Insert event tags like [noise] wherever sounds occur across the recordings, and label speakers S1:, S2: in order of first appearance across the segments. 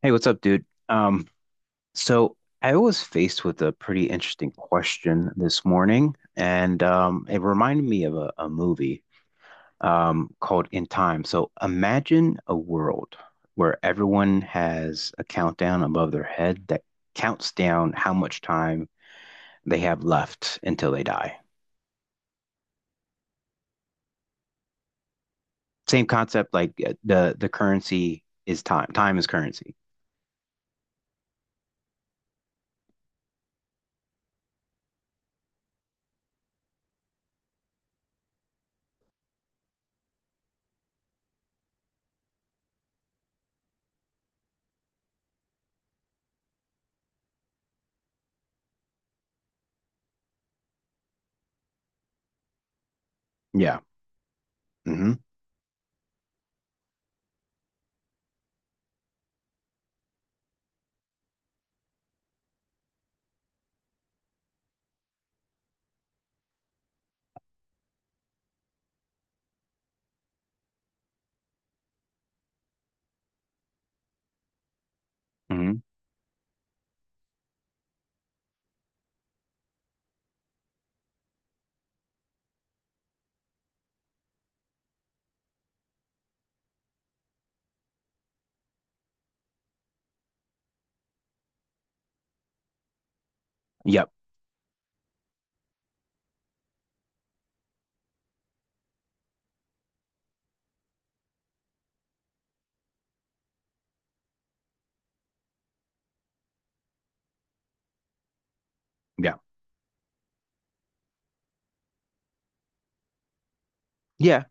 S1: Hey, what's up, dude? So I was faced with a pretty interesting question this morning, and it reminded me of a movie called In Time. So imagine a world where everyone has a countdown above their head that counts down how much time they have left until they die. Same concept, like the currency is time. Time is currency. Yeah. hmm hmm Yep. Yeah. Yeah,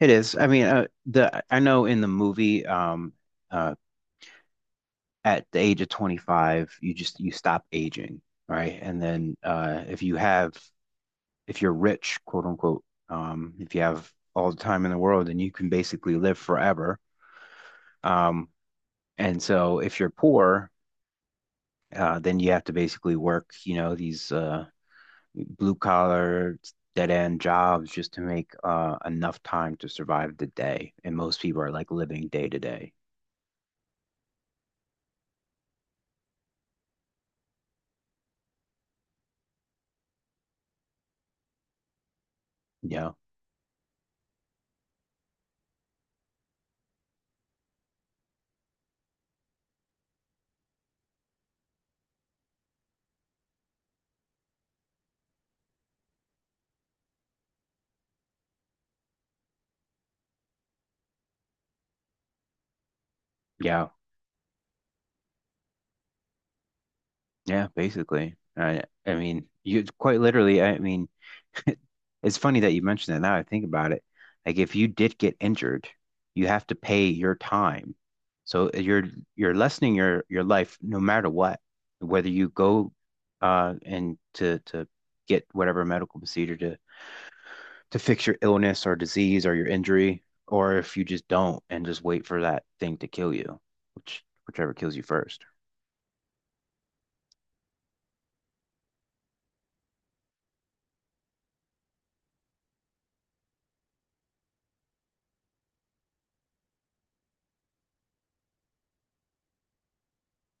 S1: it is. I mean, the I know in the movie, uh, at the age of 25, you stop aging, right? And then if you have if you're rich, quote unquote, if you have all the time in the world, then you can basically live forever. Um, and so if you're poor, then you have to basically work, you know, these blue collar dead end jobs just to make enough time to survive the day. And most people are like living day to day. Yeah. Yeah, yeah, basically. I mean, you quite literally, I mean, it's funny that you mentioned that now I think about it. Like if you did get injured, you have to pay your time. So you're lessening your life no matter what, whether you go and to get whatever medical procedure to fix your illness or disease or your injury, or if you just don't and just wait for that thing to kill you, which whichever kills you first.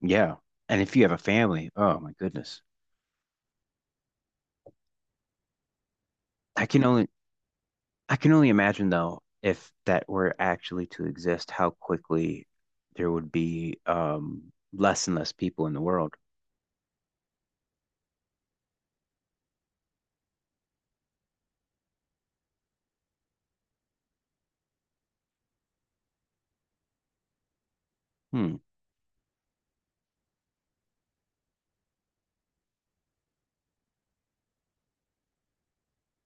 S1: Yeah. And if you have a family, oh my goodness. I can only I can only imagine though if that were actually to exist, how quickly there would be less and less people in the world. Hmm.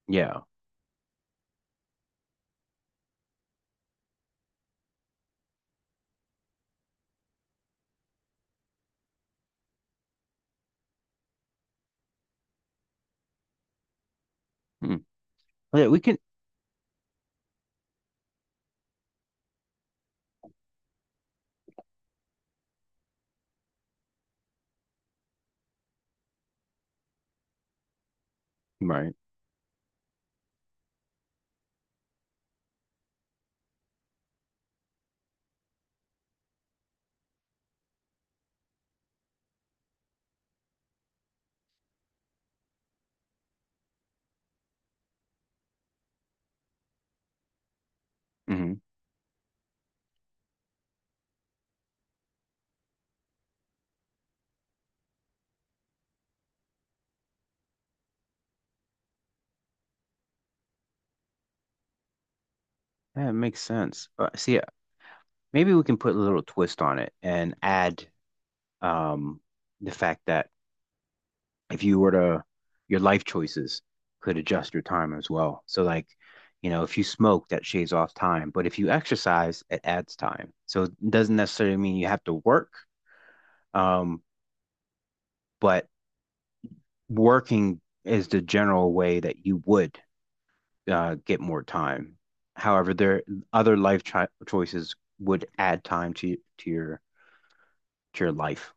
S1: Yeah. Hmm. Well, yeah, we can. Right. Hmm. That makes sense. See, maybe we can put a little twist on it and add um the fact that if you were to your life choices could adjust your time as well. So like, you know, if you smoke, that shaves off time, but if you exercise, it adds time. So it doesn't necessarily mean you have to work, um, but working is the general way that you would get more time. However, there other life choices would add time to your life.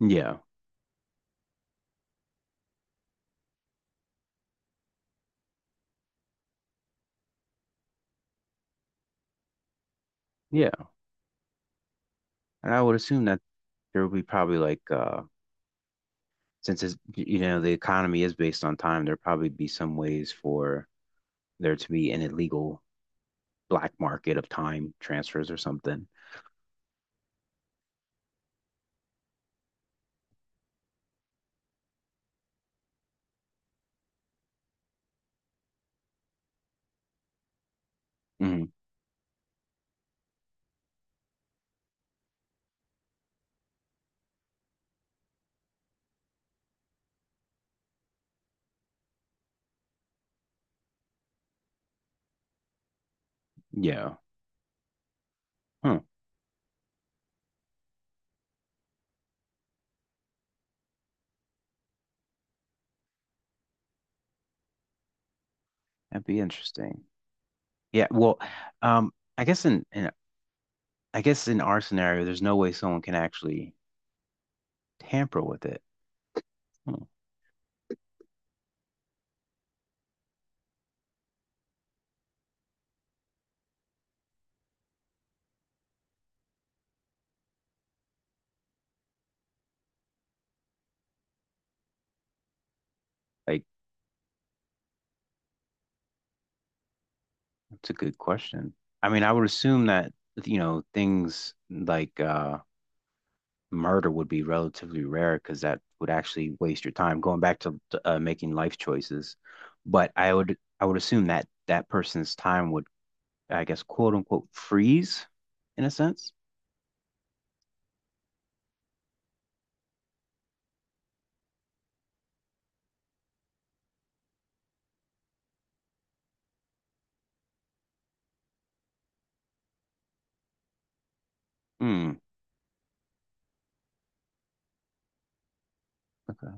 S1: Yeah, yeah, and I would assume that there would be probably like since it's, you know the economy is based on time, there probably be some ways for there to be an illegal black market of time transfers or something. Hmm. Yeah, huh. That'd be interesting. Yeah, well, um, I guess in I guess in our scenario, there's no way someone can actually tamper with it. Hmm. Like, that's a good question. I mean, I would assume that, you know, things like murder would be relatively rare because that would actually waste your time going back to, making life choices. But I would assume that that person's time would I guess, quote unquote, freeze in a sense. Hmm. Okay.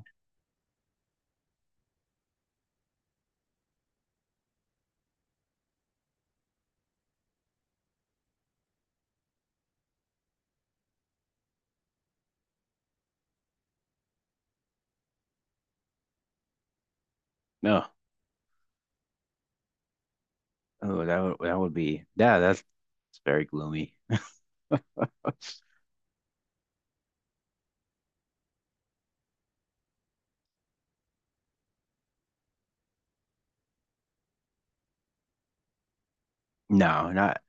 S1: No. Oh, that would be yeah. That's it's very gloomy. No, not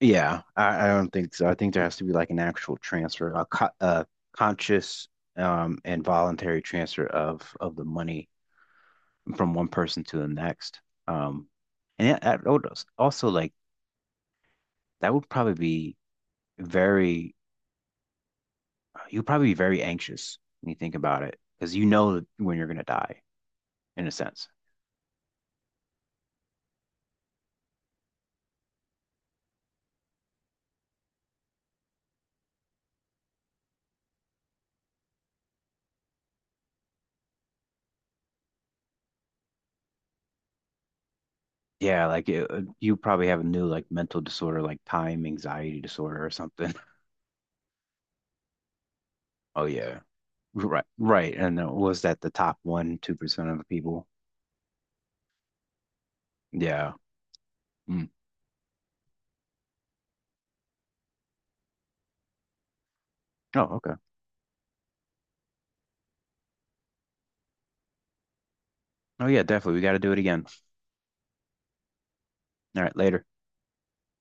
S1: yeah. I don't think so. I think there has to be like an actual transfer, a conscious and voluntary transfer of the money from one person to the next. Um, and that would also like that would probably be very you'd probably be very anxious when you think about it because you know when you're gonna die. In a sense. Yeah, like it, you probably have a new like mental disorder, like time anxiety disorder or something. [laughs] Oh yeah, right, right. And was that the top one, 2% of the people? Yeah. Mm. Oh, okay. Oh yeah, definitely. We got to do it again. All right, later.